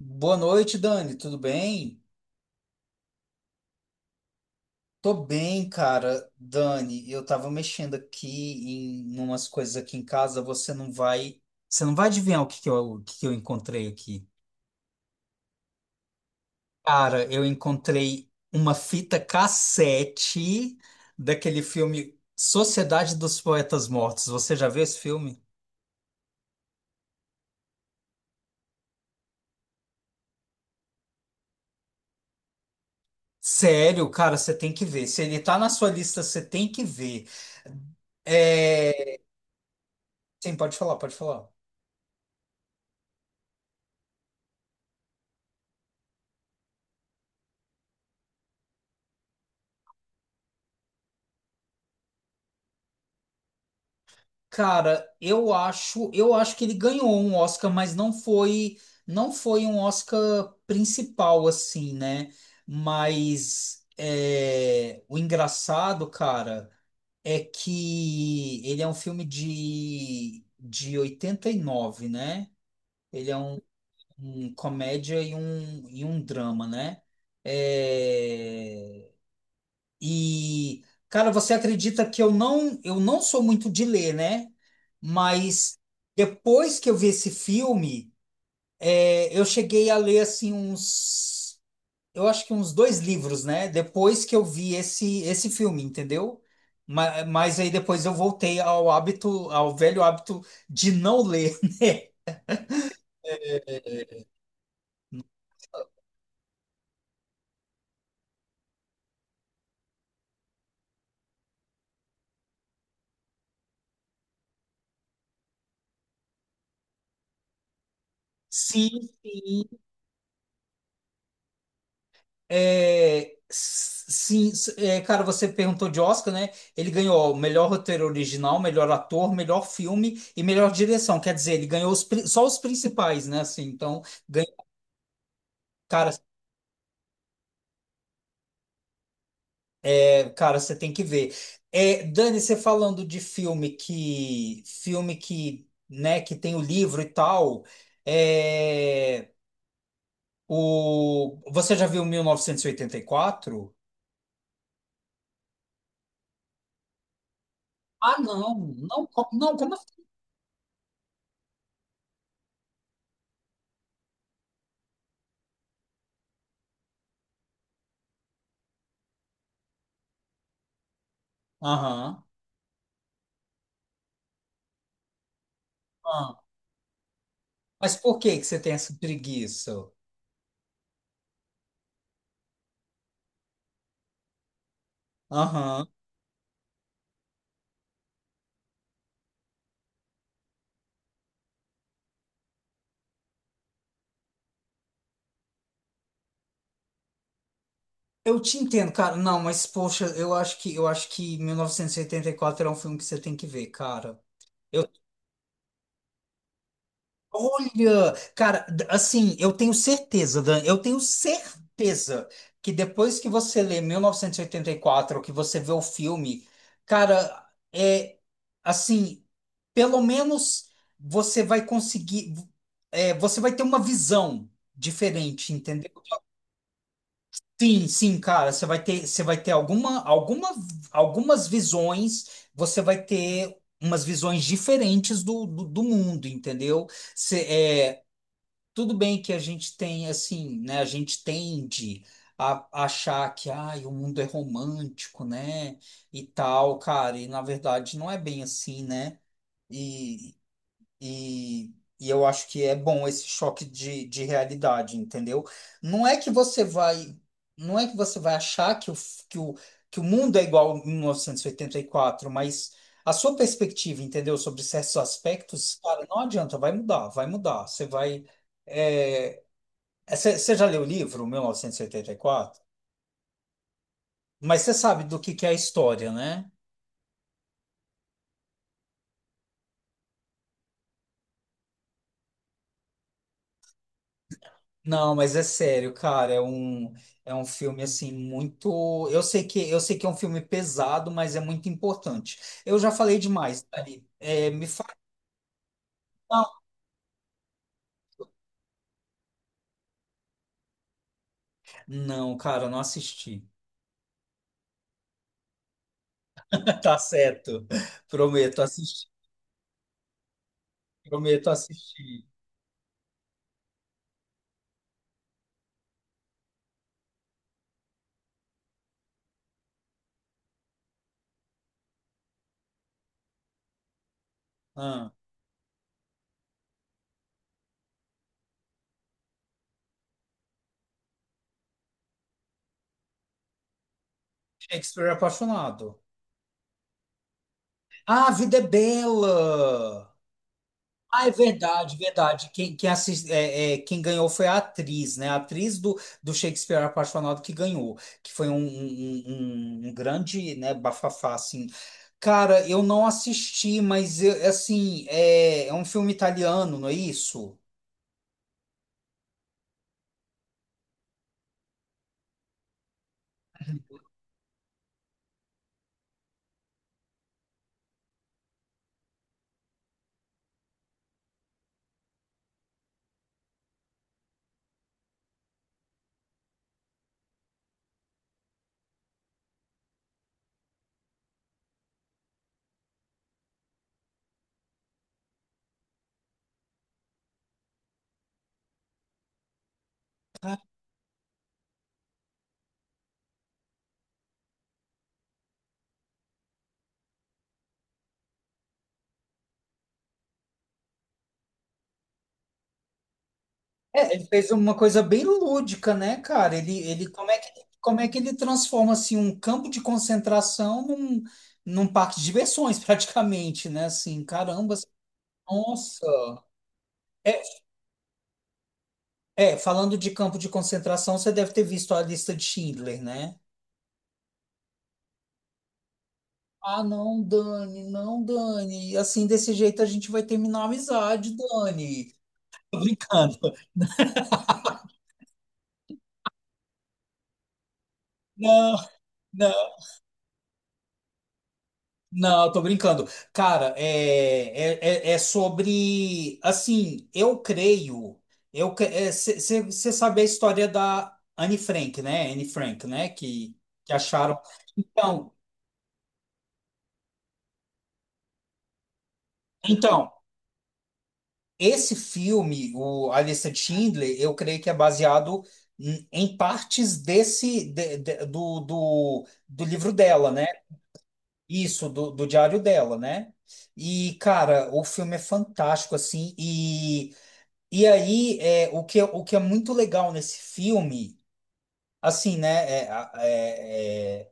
Boa noite, Dani. Tudo bem? Tô bem, cara. Dani, eu tava mexendo aqui em umas coisas aqui em casa. Você não vai adivinhar o que que eu encontrei aqui. Cara, eu encontrei uma fita cassete daquele filme Sociedade dos Poetas Mortos. Você já viu esse filme? Sério, cara, você tem que ver. Se ele tá na sua lista, você tem que ver. É... Sim, pode falar, pode falar. Cara, eu acho que ele ganhou um Oscar, mas não foi um Oscar principal assim, né? Mas é, o engraçado, cara, é que ele é um filme de 89, né? Ele é um, um comédia e e um drama, né? É, e, cara, você acredita que eu não sou muito de ler, né? Mas depois que eu vi esse filme, é, eu cheguei a ler assim uns, eu acho que uns dois livros, né? Depois que eu vi esse filme, entendeu? Mas aí depois eu voltei ao hábito, ao velho hábito de não ler. Sim, sim. É, cara, você perguntou de Oscar, né? Ele ganhou melhor roteiro original, melhor ator, melhor filme e melhor direção. Quer dizer, ele ganhou só os principais, né? Assim, então, ganha- cara, cara, você tem que ver. É, Dani, você falando filme que, né, que tem o livro e tal. É, o, você já viu 1984? Ah, não, não, co- não, Como? Assim? Aham. Mas por que que você tem essa preguiça? Aham. Eu te entendo, cara. Não, mas poxa, eu acho que 1984 é um filme que você tem que ver, cara. Eu, olha, cara, assim, eu tenho certeza, Dan, eu tenho certeza que depois que você lê 1984, que você vê o filme, cara, é assim, pelo menos você vai conseguir, é, você vai ter uma visão diferente, entendeu? Sim, sim, cara, você vai ter algumas visões, você vai ter umas visões diferentes do mundo, entendeu? Você, é, tudo bem que a gente tem, assim, né, a gente tende a achar que, ai, o mundo é romântico, né, e tal, cara, e na verdade não é bem assim, né? E, e eu acho que é bom esse choque de realidade, entendeu? Não é que você vai, não é que você vai achar que o, f- que o mundo é igual em 1984, mas a sua perspectiva, entendeu, sobre certos aspectos, cara, não adianta, vai mudar, vai mudar. Você vai. É, é, você já leu o livro, 1984? Mas você sabe do que é a história, né? Não, mas é sério, cara, é um filme assim muito, eu sei que é um filme pesado, mas é muito importante. Eu já falei demais, Thalita. É, me fala. Não, cara, eu não assisti. Tá certo. Prometo assistir. Prometo assistir. Ah, Shakespeare é apaixonado. Ah, A Vida é Bela. Ah, é verdade, verdade. Quem, quem, assis- é, é, Quem ganhou foi a atriz, né? A atriz do Shakespeare Apaixonado que ganhou, que foi um grande, né, bafafá, assim. Cara, eu não assisti, assim, é, é um filme italiano, não é isso? É, ele fez uma coisa bem lúdica, né, cara? Ele, como é que ele transforma assim um campo de concentração num, num parque de diversões, praticamente, né? Assim, caramba, assim, nossa. É, é, falando de campo de concentração, você deve ter visto a lista de Schindler, né? Ah, não, Dani, não, Dani. Assim, desse jeito a gente vai terminar a amizade, Dani. Tô brincando. Não, não, não, tô brincando. Cara, é, é, é é sobre. Assim, eu creio. Eu, você sabe a história da Anne Frank, né? Anne Frank, né? Que acharam. Então, então. Esse filme, o A Lista de Schindler, eu creio que é baseado em em partes desse do livro dela, né? Isso, do diário dela, né? E, cara, o filme é fantástico, assim. E aí, é, o que é muito legal nesse filme, assim, né? É, é, é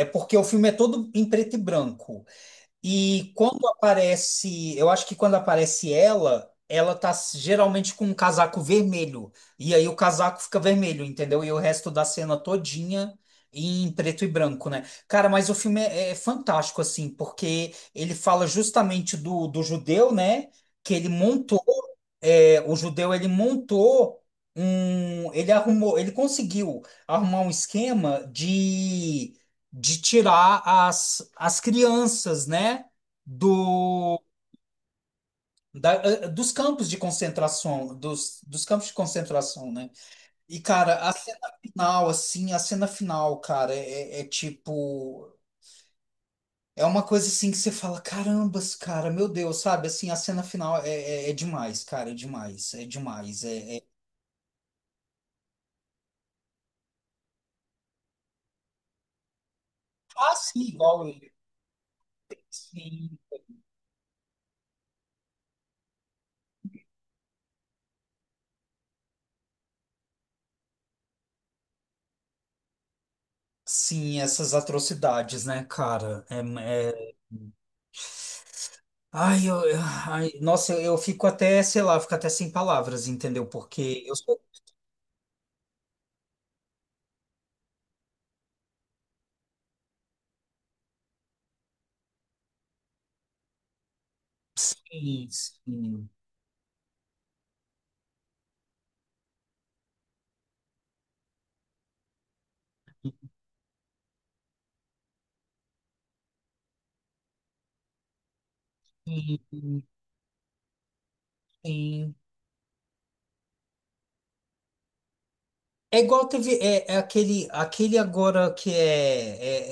é porque o filme é todo em preto e branco. E quando aparece, eu acho que quando aparece ela, ela tá geralmente com um casaco vermelho. E aí o casaco fica vermelho, entendeu? E o resto da cena todinha em preto e branco, né? Cara, mas o filme é, é fantástico, assim, porque ele fala justamente do judeu, né? Que ele montou, é, o judeu, ele montou um, ele arrumou, ele conseguiu arrumar um esquema de tirar as, as crianças, né, do da- eh, eh, dos campos de concentração, dos, dos campos de concentração, né? E cara, a cena final, cara, é, é é tipo é uma coisa assim que você fala, carambas, cara, meu Deus, sabe? Assim, a cena final é, é, é demais, cara, é demais, é demais, é, é... Ah, sim, igual ele. Sim, sim, essas atrocidades, né, cara? É, é- ai, eu- ai, nossa, eu fico até, sei lá, fico até sem palavras, entendeu? Porque eu sou. Sim, sim, sim, sim. É igual teve. Aquele agora que é,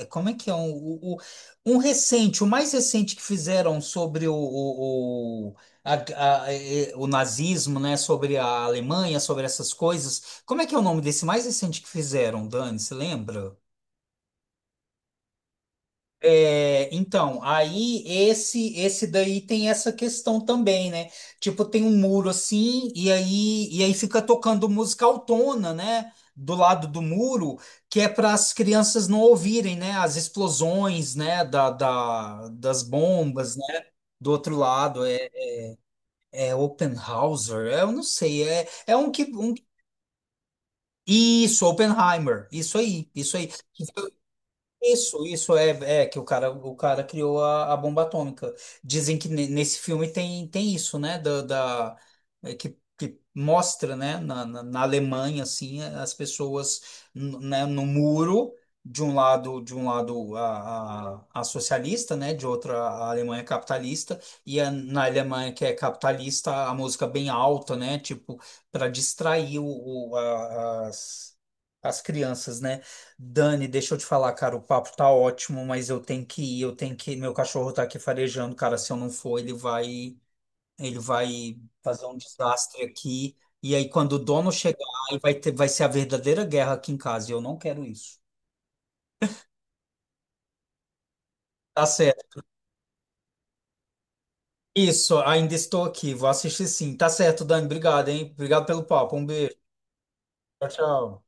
é- é, como é que é? Um recente, o mais recente que fizeram sobre o, é, o nazismo, né? Sobre a Alemanha, sobre essas coisas. Como é que é o nome desse mais recente que fizeram, Dani? Você lembra? É, então, aí esse daí tem essa questão também, né? Tipo, tem um muro assim, e aí fica tocando música autona, né? Do lado do muro, que é para as crianças não ouvirem, né? As explosões, né? Das bombas, né? Do outro lado, é, é Oppenhauser, é, eu não sei, é, é um que. Um, isso, Oppenheimer, isso aí, isso aí. Isso é, é que o cara criou a bomba atômica. Dizem que nesse filme tem, tem isso, né? É, que mostra, né? Na Alemanha, assim, as pessoas, né? No muro, de um lado a socialista, né? De outra a Alemanha capitalista. Na Alemanha que é capitalista, a música bem alta, né? Tipo, para distrair o- a- as, as crianças, né? Dani, deixa eu te falar, cara, o papo tá ótimo, mas eu tenho que ir. Meu cachorro tá aqui farejando, cara. Se eu não for, ele vai fazer um desastre aqui. E aí, quando o dono chegar, vai ser a verdadeira guerra aqui em casa. E eu não quero isso. Tá certo. Isso, ainda estou aqui. Vou assistir sim. Tá certo, Dani. Obrigado, hein? Obrigado pelo papo. Um beijo. Tchau, tchau.